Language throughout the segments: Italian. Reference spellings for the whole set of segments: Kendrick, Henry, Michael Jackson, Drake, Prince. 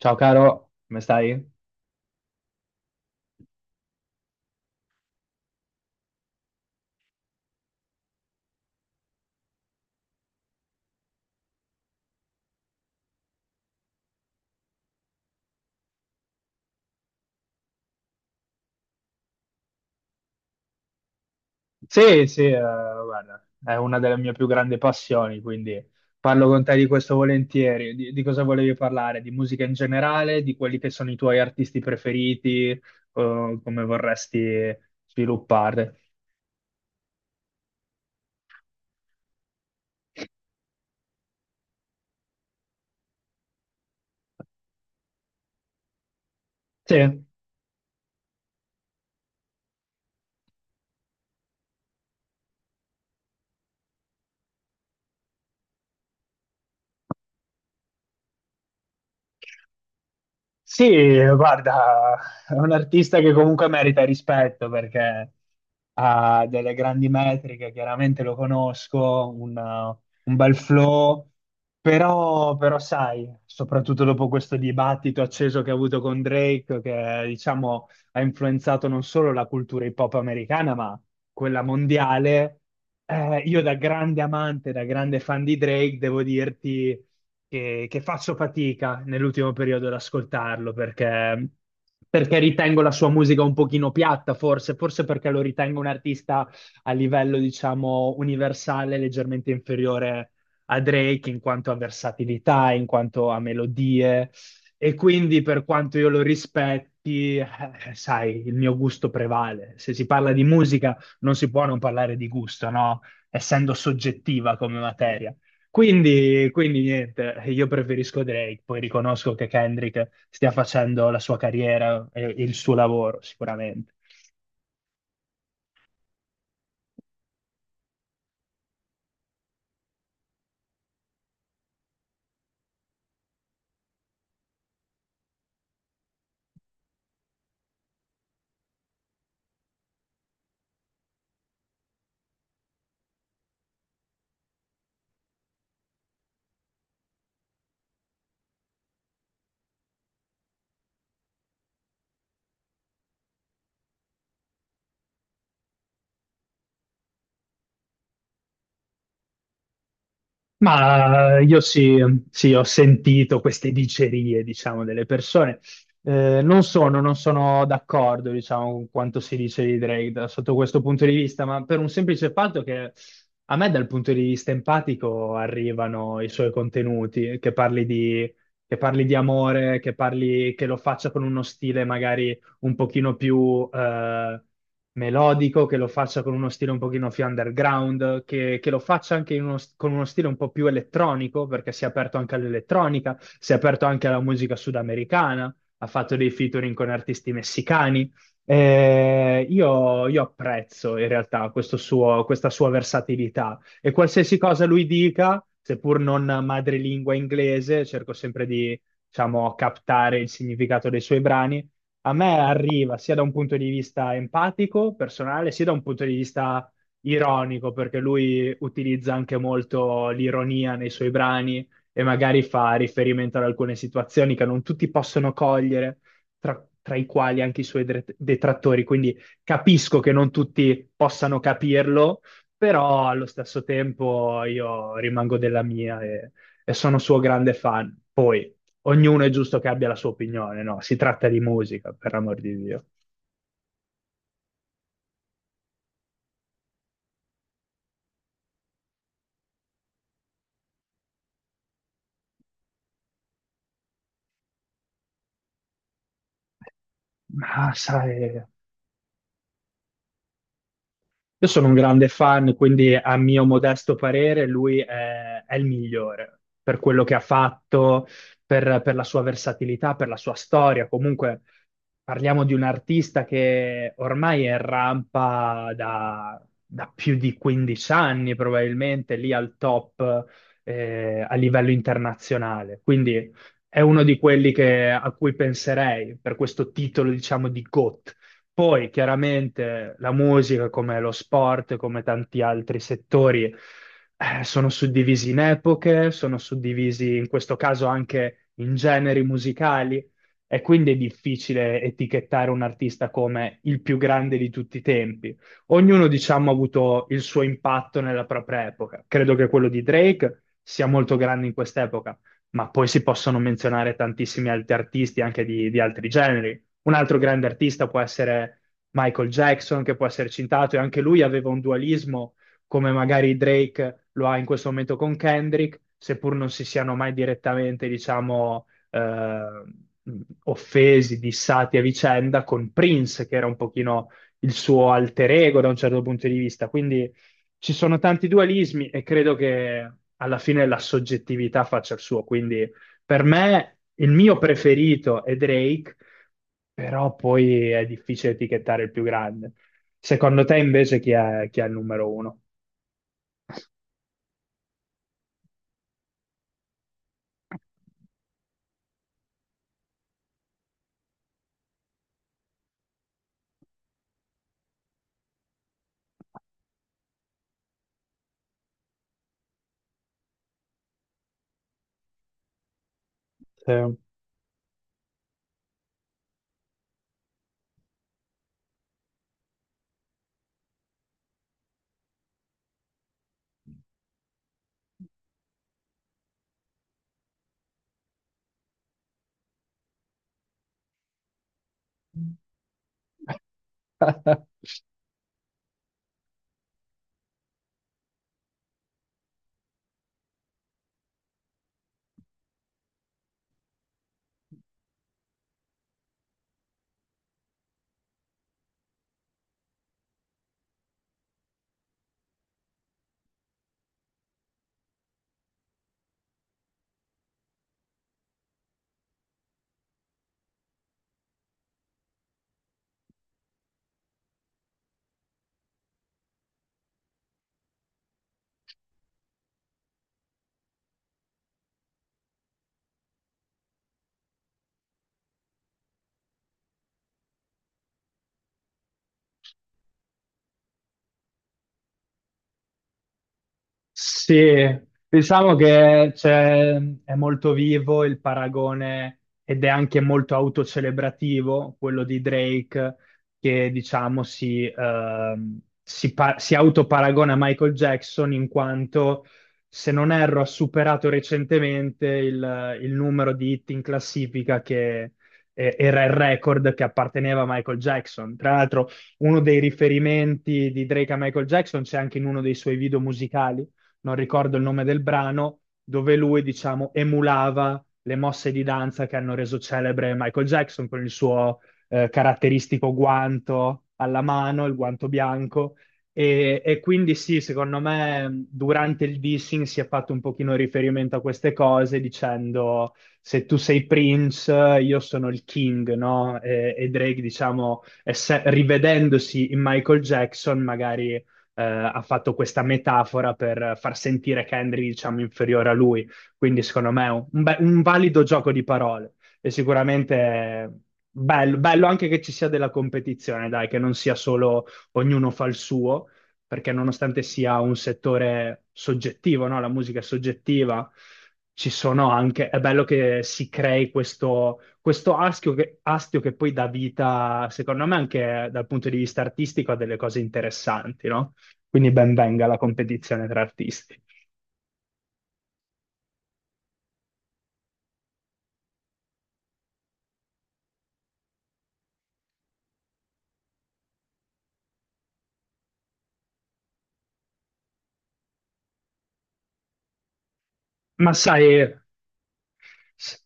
Ciao caro, come stai? Sì, sì, guarda, è una delle mie più grandi passioni, quindi parlo con te di questo volentieri. Di cosa volevi parlare? Di musica in generale, di quelli che sono i tuoi artisti preferiti, come vorresti sviluppare? Sì. Sì, guarda, è un artista che comunque merita rispetto perché ha delle grandi metriche, chiaramente lo conosco, un bel flow, però sai, soprattutto dopo questo dibattito acceso che ha avuto con Drake, che diciamo ha influenzato non solo la cultura hip hop americana, ma quella mondiale, io da grande amante, da grande fan di Drake, devo dirti che faccio fatica nell'ultimo periodo ad ascoltarlo perché ritengo la sua musica un pochino piatta, forse, forse perché lo ritengo un artista a livello, diciamo, universale, leggermente inferiore a Drake in quanto a versatilità, in quanto a melodie. E quindi, per quanto io lo rispetti, sai, il mio gusto prevale. Se si parla di musica, non si può non parlare di gusto, no? Essendo soggettiva come materia. Quindi niente, io preferisco Drake, poi riconosco che Kendrick stia facendo la sua carriera e il suo lavoro, sicuramente. Ma io sì, sì, ho sentito queste dicerie, diciamo, delle persone. Non sono d'accordo, diciamo, con quanto si dice di Drake da- sotto questo punto di vista, ma per un semplice fatto che a me dal punto di vista empatico arrivano i suoi contenuti, che parli di amore, che parli, che lo faccia con uno stile magari un pochino più melodico, che lo faccia con uno stile un pochino più underground, che lo faccia anche in uno- con uno stile un po' più elettronico, perché si è aperto anche all'elettronica, si è aperto anche alla musica sudamericana, ha fatto dei featuring con artisti messicani. Io apprezzo in realtà questo suo- questa sua versatilità e qualsiasi cosa lui dica, seppur non madrelingua inglese, cerco sempre di, diciamo, captare il significato dei suoi brani a me arriva sia da un punto di vista empatico, personale, sia da un punto di vista ironico, perché lui utilizza anche molto l'ironia nei suoi brani e magari fa riferimento ad alcune situazioni che non tutti possono cogliere, tra i quali anche i suoi dre- detrattori. Quindi capisco che non tutti possano capirlo, però allo stesso tempo io rimango della mia e sono suo grande fan. Poi ognuno è giusto che abbia la sua opinione, no? Si tratta di musica, per amor di Dio. Ma sai, io sono un grande fan, quindi a mio modesto parere è il migliore per quello che ha fatto, per la sua versatilità, per la sua storia. Comunque parliamo di un artista che ormai è in rampa da più di 15 anni, probabilmente lì al top a livello internazionale. Quindi è uno di quelli che- a cui penserei per questo titolo, diciamo, di GOAT. Poi chiaramente la musica, come lo sport, come tanti altri settori, sono suddivisi in epoche, sono suddivisi in questo caso anche in generi musicali e quindi è difficile etichettare un artista come il più grande di tutti i tempi. Ognuno, diciamo, ha avuto il suo impatto nella propria epoca. Credo che quello di Drake sia molto grande in quest'epoca ma poi si possono menzionare tantissimi altri artisti anche di altri generi. Un altro grande artista può essere Michael Jackson, che può essere citato, e anche lui aveva un dualismo, come magari Drake lo ha in questo momento con Kendrick, seppur non si siano mai direttamente, diciamo, offesi, dissati a vicenda, con Prince, che era un pochino il suo alter ego da un certo punto di vista. Quindi ci sono tanti dualismi e credo che alla fine la soggettività faccia il suo, quindi per me il mio preferito è Drake, però poi è difficile etichettare il più grande. Secondo te invece chi è il numero uno? Sì. Sì, diciamo che c'è- è molto vivo il paragone ed è anche molto autocelebrativo quello di Drake che diciamo si, si, pa- si autoparagona a Michael Jackson in quanto, se non erro, ha superato recentemente il numero di hit in classifica che era il record che apparteneva a Michael Jackson. Tra l'altro uno dei riferimenti di Drake a Michael Jackson c'è anche in uno dei suoi video musicali non ricordo il nome del brano, dove lui, diciamo, emulava le mosse di danza che hanno reso celebre Michael Jackson con il suo caratteristico guanto alla mano, il guanto bianco. E quindi sì, secondo me durante il dissing si è fatto un pochino riferimento a queste cose dicendo se tu sei Prince, io sono il King, no? E Drake, diciamo, esse- rivedendosi in Michael Jackson, magari ha fatto questa metafora per far sentire Henry, diciamo, inferiore a lui. Quindi, secondo me, è un be- un valido gioco di parole. E sicuramente bello, bello anche che ci sia della competizione, dai, che non sia solo ognuno fa il suo, perché nonostante sia un settore soggettivo, no? La musica è soggettiva. Ci sono anche, è bello che si crei questo, questo astio astio che poi dà vita, secondo me, anche dal punto di vista artistico, a delle cose interessanti, no? Quindi ben venga la competizione tra artisti. Ma sai, s-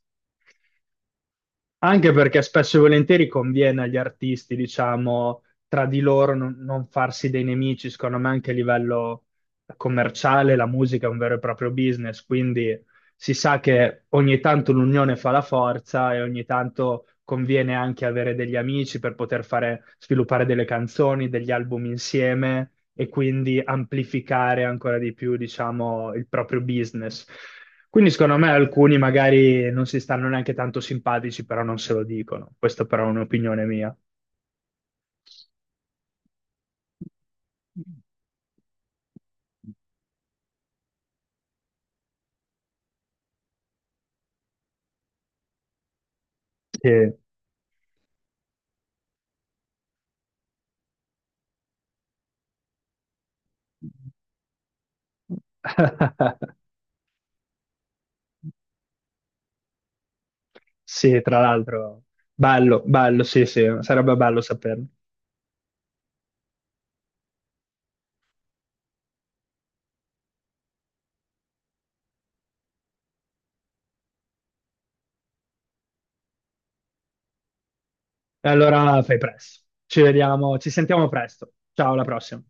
anche perché spesso e volentieri conviene agli artisti, diciamo, tra di loro non farsi dei nemici, secondo me anche a livello commerciale la musica è un vero e proprio business, quindi si sa che ogni tanto l'unione fa la forza e ogni tanto conviene anche avere degli amici per poter fare, sviluppare delle canzoni, degli album insieme e quindi amplificare ancora di più, diciamo, il proprio business. Quindi secondo me alcuni magari non si stanno neanche tanto simpatici, però non se lo dicono. Questa però è un'opinione mia. Sì. Sì, tra l'altro, bello, bello, sì, sì, sarebbe bello saperlo. E allora fai presto. Ci vediamo, ci sentiamo presto. Ciao, alla prossima.